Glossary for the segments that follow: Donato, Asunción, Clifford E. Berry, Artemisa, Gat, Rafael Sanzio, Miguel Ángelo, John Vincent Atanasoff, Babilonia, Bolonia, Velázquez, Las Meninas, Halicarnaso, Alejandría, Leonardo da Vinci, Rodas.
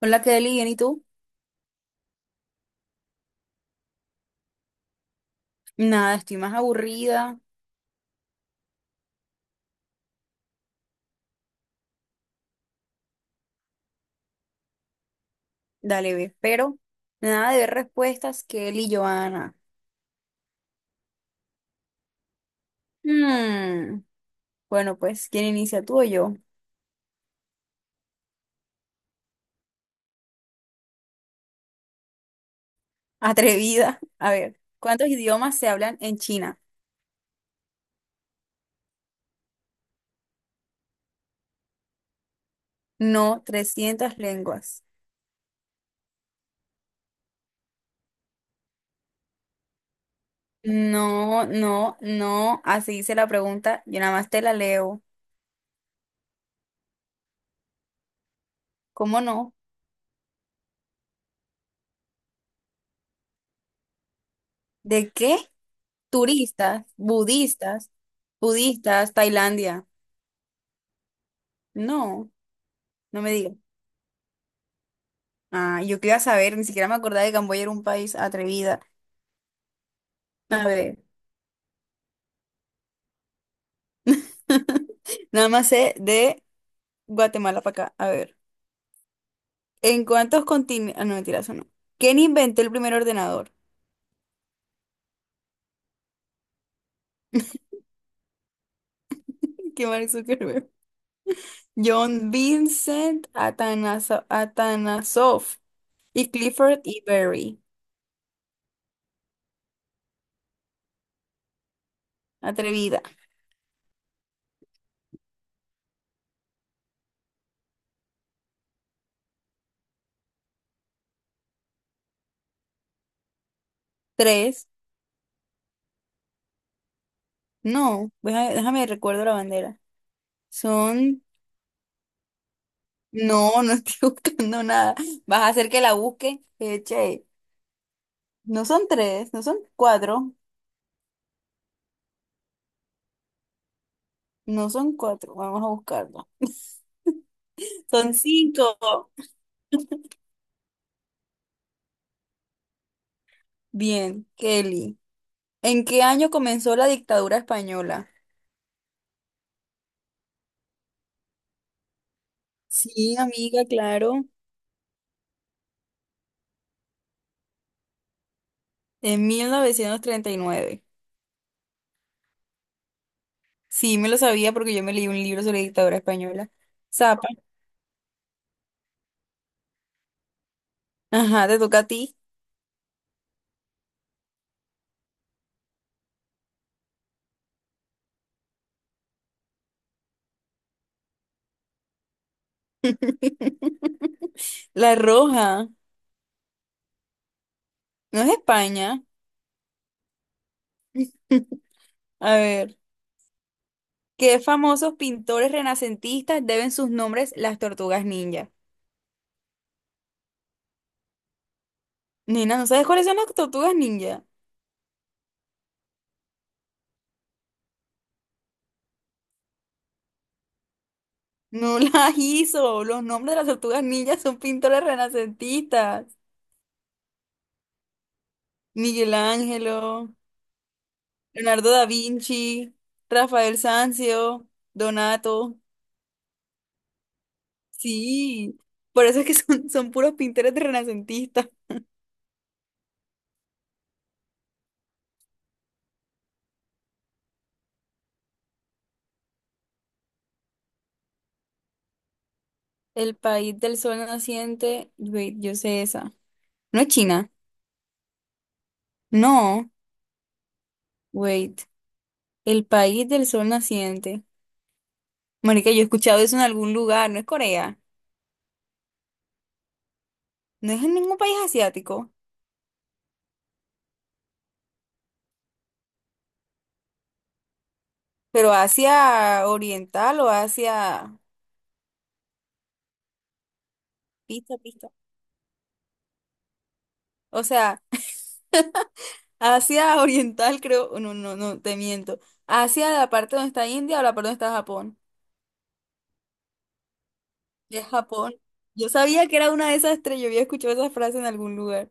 Hola, Kelly, ¿bien y tú? Nada, estoy más aburrida. Dale, ve, pero nada de ver respuestas, Kelly y Joana. Hmm, Bueno, pues, ¿quién inicia tú o yo? Atrevida. A ver, ¿cuántos idiomas se hablan en China? No, 300 lenguas. No, no, no. Así dice la pregunta. Yo nada más te la leo. ¿Cómo no? ¿De qué? Turistas, budistas, Tailandia. No, no me digas. Ah, yo quería saber, ni siquiera me acordaba de que Camboya era un país atrevida. A ver, nada más sé de Guatemala para acá. A ver, ¿en cuántos continentes? Ah, no, mentira, eso no. ¿Quién inventó el primer ordenador? Qué Mark Zuckerberg. John Vincent Atanasoff y Clifford E. Berry. Atrevida. Tres. No, déjame recuerdo la bandera. Son. No, no estoy buscando nada. Vas a hacer que la busque. Che. No son tres, no son cuatro, vamos a buscarlo. Son cinco. Bien, Kelly. ¿En qué año comenzó la dictadura española? Sí, amiga, claro. En 1939. Sí, me lo sabía porque yo me leí un libro sobre dictadura española. Zapa. Ajá, te toca a ti. La Roja. No es España. A ver. ¿Qué famosos pintores renacentistas deben sus nombres las tortugas ninja? Nena, ¿no sabes cuáles son las tortugas ninja? No las hizo. Los nombres de las tortugas ninja son pintores renacentistas. Miguel Ángelo, Leonardo da Vinci, Rafael Sanzio, Donato. Sí, por eso es que son puros pintores de renacentistas. El país del sol naciente. Wait, yo sé esa. ¿No es China? No. Wait. El país del sol naciente. Marica, yo he escuchado eso en algún lugar. No es Corea. No es en ningún país asiático. Pero hacia oriental o hacia. Pista, pista. O sea, hacia oriental creo. No, no, no, te miento. Hacia la parte donde está India o la parte donde está Japón. Es Japón. Yo sabía que era una de esas tres. Yo había escuchado esa frase en algún lugar.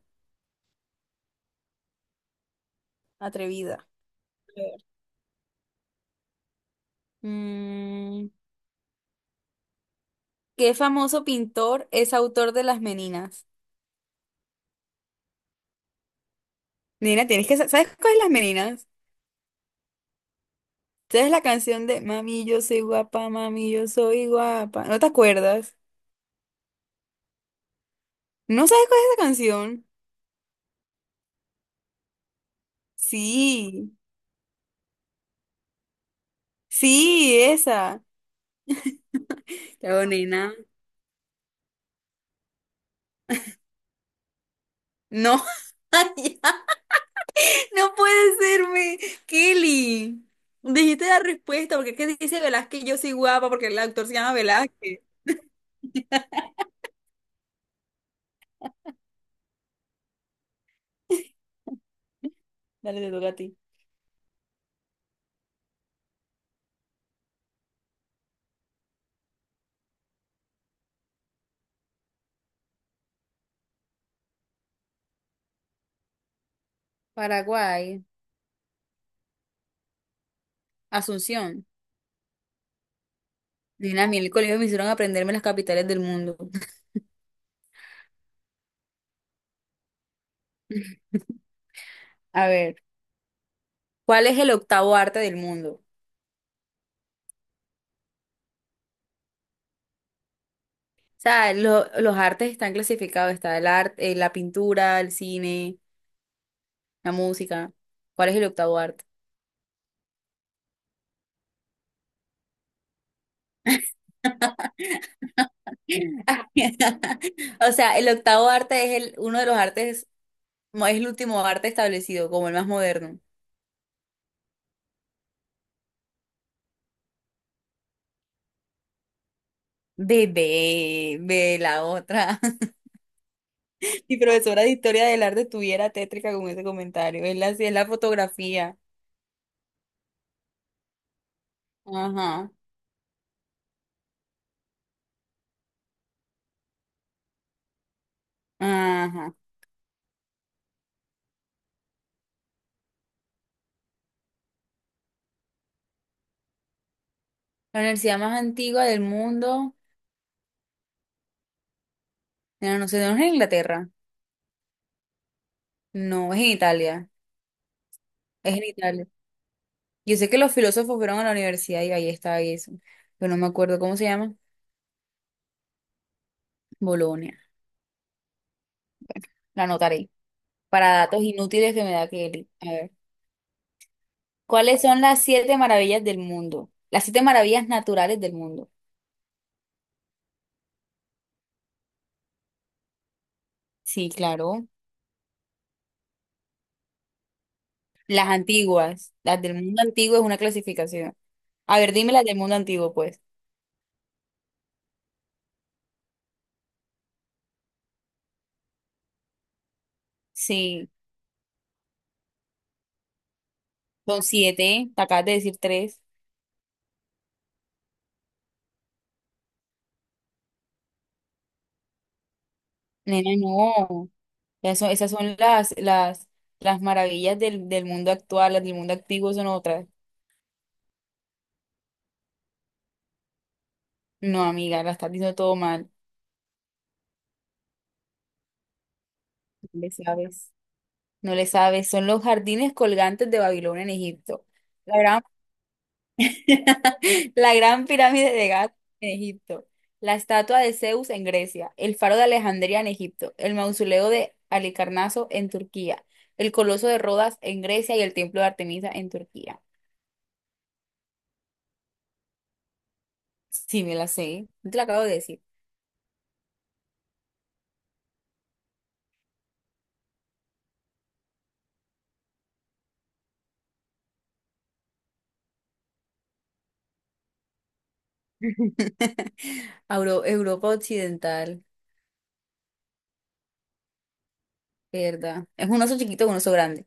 Atrevida. A ver. Mm, ¿Qué famoso pintor es autor de Las Meninas? Nena, ¿Sabes cuál es Las Meninas? ¿Sabes la canción de Mami, yo soy guapa, mami, yo soy guapa? ¿No te acuerdas? ¿No sabes cuál es esa canción? Sí, sí, esa. Chao, nena. No, ya, no puede serme. Kelly, dijiste la respuesta porque es que dice Velázquez, yo soy guapa porque el actor se llama Velázquez. Dale, te toca a ti. Paraguay, Asunción. Nena, a mí en el colegio me hicieron aprenderme las capitales del mundo. A ver, ¿cuál es el octavo arte del mundo? O sea, los artes están clasificados, está el arte, la pintura, el cine, la música. ¿Cuál es el octavo arte? O sea, el octavo arte es uno de los artes, no, es el último arte establecido, como el más moderno. Bebé, ve la otra. Mi profesora de historia del arte estuviera tétrica con ese comentario. Es la, sí, es la fotografía. Ajá, ajá. La universidad más antigua del mundo. No, no sé, no es en Inglaterra. No, es en Italia. Es en Italia. Yo sé que los filósofos fueron a la universidad y ahí está eso. Pero no me acuerdo cómo se llama. Bolonia. La anotaré. Para datos inútiles que me da Kelly. A ver. ¿Cuáles son las siete maravillas del mundo? Las siete maravillas naturales del mundo. Sí, claro. Las antiguas. Las del mundo antiguo es una clasificación. A ver, dime las del mundo antiguo, pues. Sí, son siete. Te acabas de decir tres. Nena, no. Esas son las maravillas del mundo actual. Las del mundo antiguo son otras. No, amiga, la estás diciendo todo mal. Le sabes. No le sabes, son los jardines colgantes de Babilonia en Egipto. La gran, la gran pirámide de Gat en Egipto. La estatua de Zeus en Grecia. El faro de Alejandría en Egipto. El mausoleo de Halicarnaso en Turquía. El coloso de Rodas en Grecia y el templo de Artemisa en Turquía. Sí, me la sé. No te la acabo de decir. Europa Occidental, ¿verdad? Es un oso chiquito con un oso grande.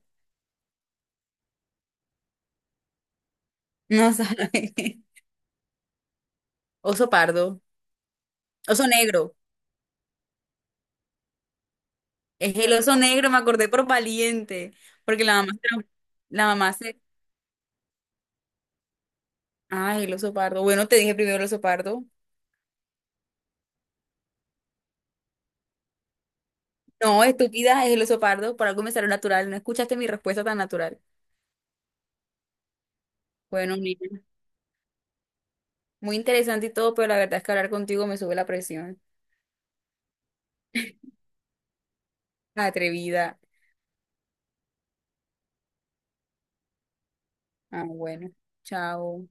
No sabe. Oso pardo. Oso negro. Es el oso negro, me acordé por valiente, porque la mamá, la mamá se. Ah, el oso pardo. Bueno, te dije primero el oso pardo. No, estúpida, es el oso pardo. Por algo me salió natural. No escuchaste mi respuesta tan natural. Bueno, mira, muy interesante y todo, pero la verdad es que hablar contigo me sube la presión. Atrevida. Ah, bueno. Chao.